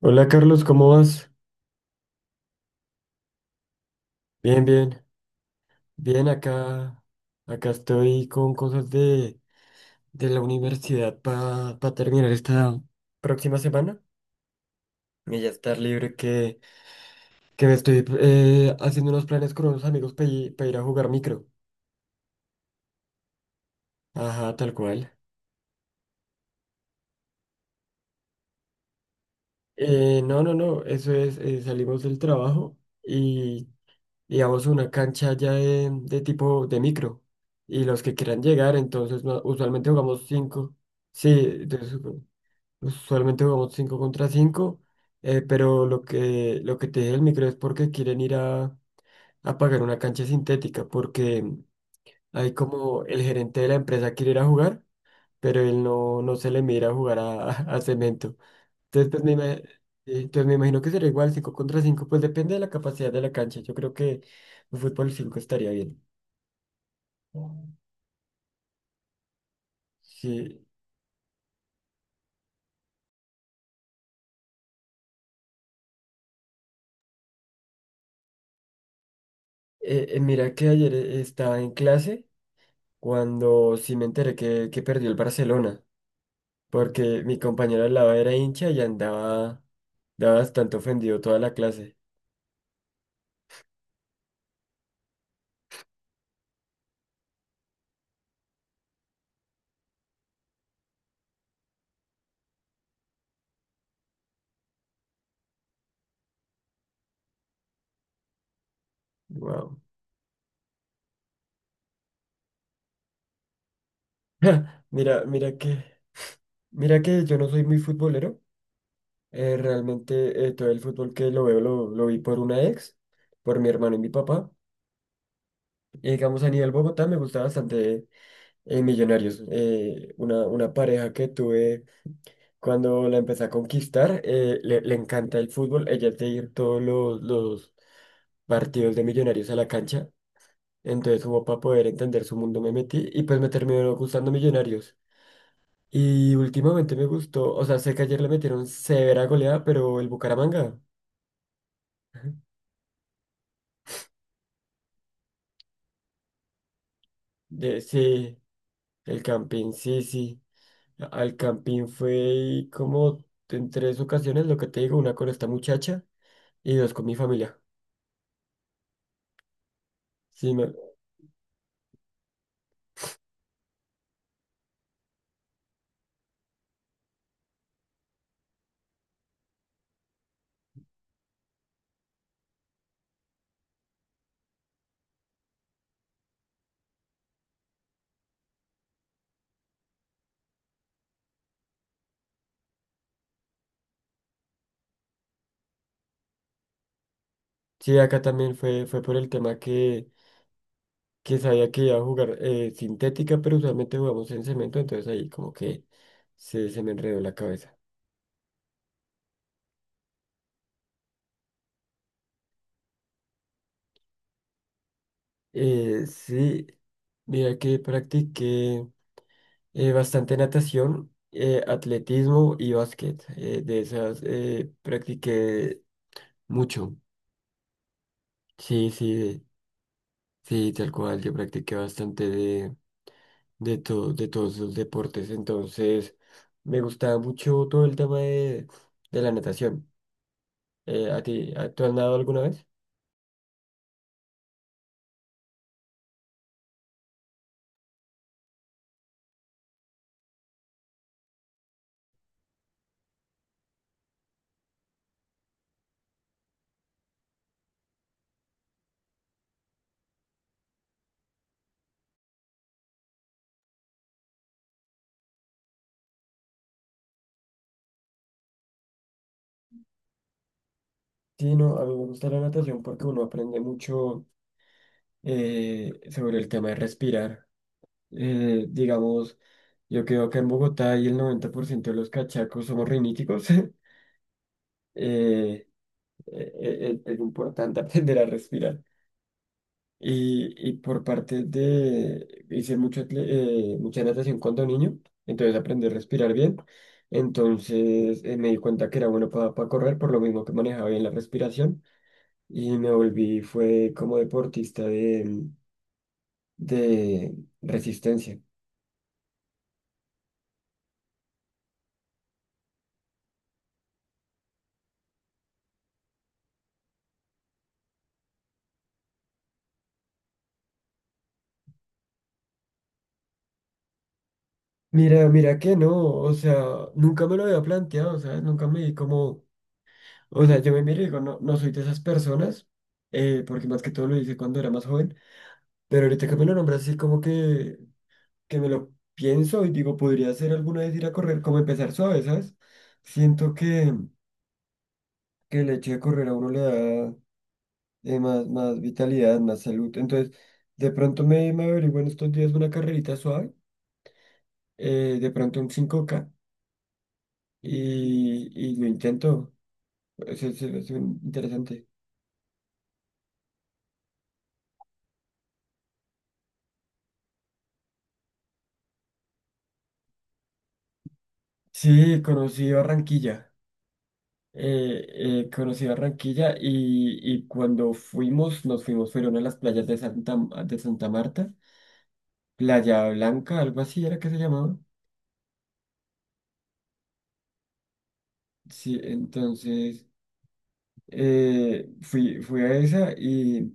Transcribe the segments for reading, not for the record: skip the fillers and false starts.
Hola Carlos, ¿cómo vas? Bien, bien, bien, acá, acá estoy con cosas de la universidad para terminar esta próxima semana y ya estar libre que me estoy haciendo unos planes con unos amigos para ir a jugar micro. Ajá, tal cual. No, no, no, eso es, salimos del trabajo y, y vamos a una cancha ya de tipo de micro y los que quieran llegar, entonces usualmente jugamos cinco. Sí, entonces, pues, usualmente jugamos 5 contra cinco, pero lo que te dije del micro es porque quieren ir a pagar una cancha sintética, porque hay como el gerente de la empresa quiere ir a jugar, pero él no, no se le mira a jugar a, a cemento. Entonces, pues, entonces me imagino que será igual 5 contra 5, pues depende de la capacidad de la cancha. Yo creo que un fútbol 5 estaría bien. Sí. Mira que ayer estaba en clase cuando sí me enteré que perdió el Barcelona, porque mi compañero al lado era hincha y andaba, andaba bastante ofendido toda la clase. Wow. Mira, mira que, mira que yo no soy muy futbolero. Realmente todo el fútbol que lo veo lo vi por una ex, por mi hermano y mi papá. Y digamos a nivel Bogotá me gusta bastante Millonarios. Eh, una pareja que tuve cuando la empecé a conquistar, le, le encanta el fútbol. Ella es de ir todos los partidos de Millonarios a la cancha. Entonces, como para poder entender su mundo, me metí y pues me terminó gustando Millonarios. Y últimamente me gustó, o sea, sé que ayer le metieron severa goleada, pero el Bucaramanga, de, sí, el Campín, sí, sí. Al Campín fue como en tres ocasiones, lo que te digo, una con esta muchacha y dos con mi familia. Sí, me- sí, acá también fue, fue por el tema que sabía que iba a jugar sintética, pero usualmente jugamos en cemento, entonces ahí como que se me enredó la cabeza. Sí, mira que practiqué bastante natación, atletismo y básquet. Eh, de esas practiqué mucho. Sí, sí, sí, tal cual. Yo practiqué bastante de, todo, de todos los deportes. Entonces, me gustaba mucho todo el tema de la natación. ¿A ti, tú has nadado alguna vez? Sí, no, a mí me gusta la natación porque uno aprende mucho sobre el tema de respirar. Digamos, yo creo que en Bogotá y el 90% de los cachacos somos riníticos. eh, eh, es importante aprender a respirar. Y por parte de, hice mucho, mucha natación cuando niño, entonces aprendí a respirar bien. Entonces me di cuenta que era bueno para correr, por lo mismo que manejaba bien la respiración. Y me volví, fue como deportista de resistencia. Mira, mira que no, o sea, nunca me lo había planteado, ¿sabes? Nunca me di como, o sea, yo me miro y digo, no, no soy de esas personas, porque más que todo lo hice cuando era más joven, pero ahorita que me lo nombras así como que me lo pienso y digo, podría ser alguna vez ir a correr, como empezar suave, ¿sabes? Siento que el hecho de correr a uno le da más, más vitalidad, más salud, entonces de pronto me, me averiguo en estos días una carrerita suave, de pronto un 5K y lo intento. Es, es interesante. Sí, conocí Barranquilla. Conocí Barranquilla y cuando fuimos, nos fuimos, fueron a las playas de Santa Marta, Playa Blanca, algo así era que se llamaba. Sí, entonces fui, fui a esa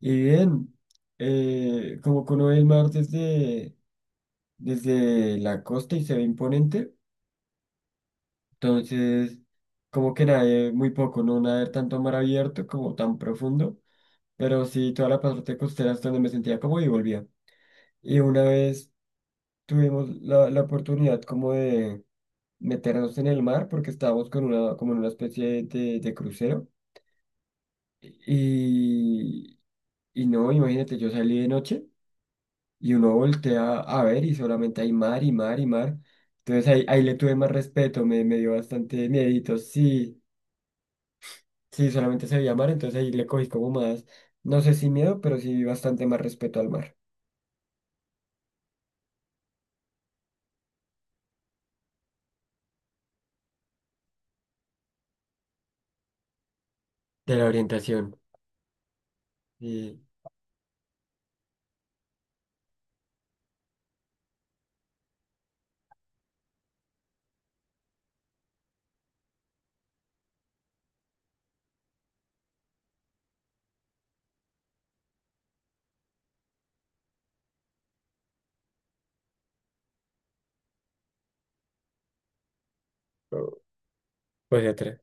y bien, como que uno ve el mar desde, desde la costa y se ve imponente. Entonces, como que nadie, muy poco, no nadar tanto a mar abierto como tan profundo, pero sí toda la parte costera es donde me sentía como y volvía. Y una vez tuvimos la, la oportunidad como de meternos en el mar porque estábamos con una, como en una especie de crucero. Y, y no, imagínate, yo salí de noche y uno voltea a ver y solamente hay mar y mar y mar. Entonces ahí, ahí le tuve más respeto, me dio bastante miedito, sí. Sí, solamente se veía mar, entonces ahí le cogí como más, no sé si miedo, pero sí bastante más respeto al mar. De la orientación. Y oh, pues de atrás.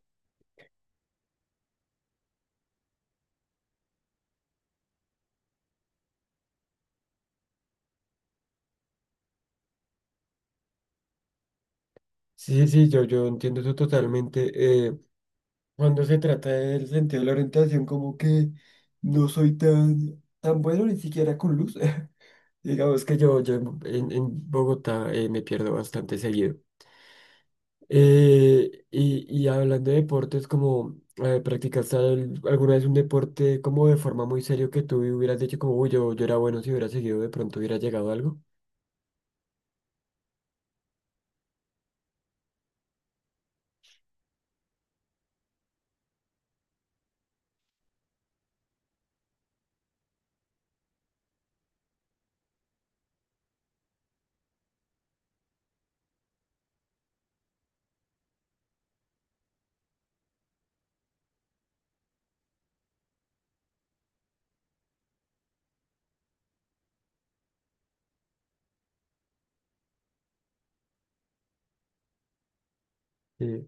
Sí, sí, yo entiendo eso totalmente. Cuando se trata del sentido de la orientación, como que no soy tan, tan bueno ni siquiera con luz. Digamos que yo en, en Bogotá me pierdo bastante seguido. Y, y hablando de deportes, como practicaste alguna vez un deporte como de forma muy serio que tú hubieras dicho como, uy, yo era bueno si hubiera seguido, de pronto hubiera llegado a algo. Eh,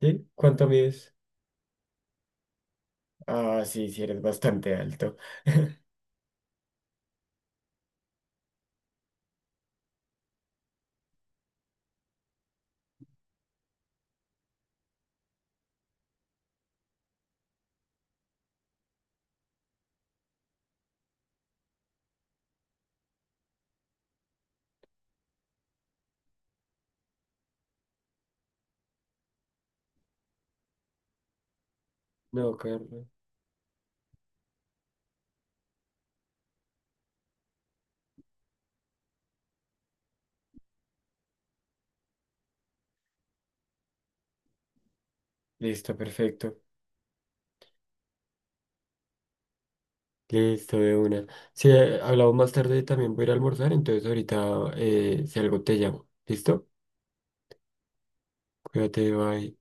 ¿Sí? ¿Cuánto mides? Ah, sí, sí, eres bastante alto. No, Carlos. Listo, perfecto. Listo, de una. Si hablamos más tarde también voy a ir a almorzar, entonces ahorita si algo te llamo. ¿Listo? Cuídate, bye.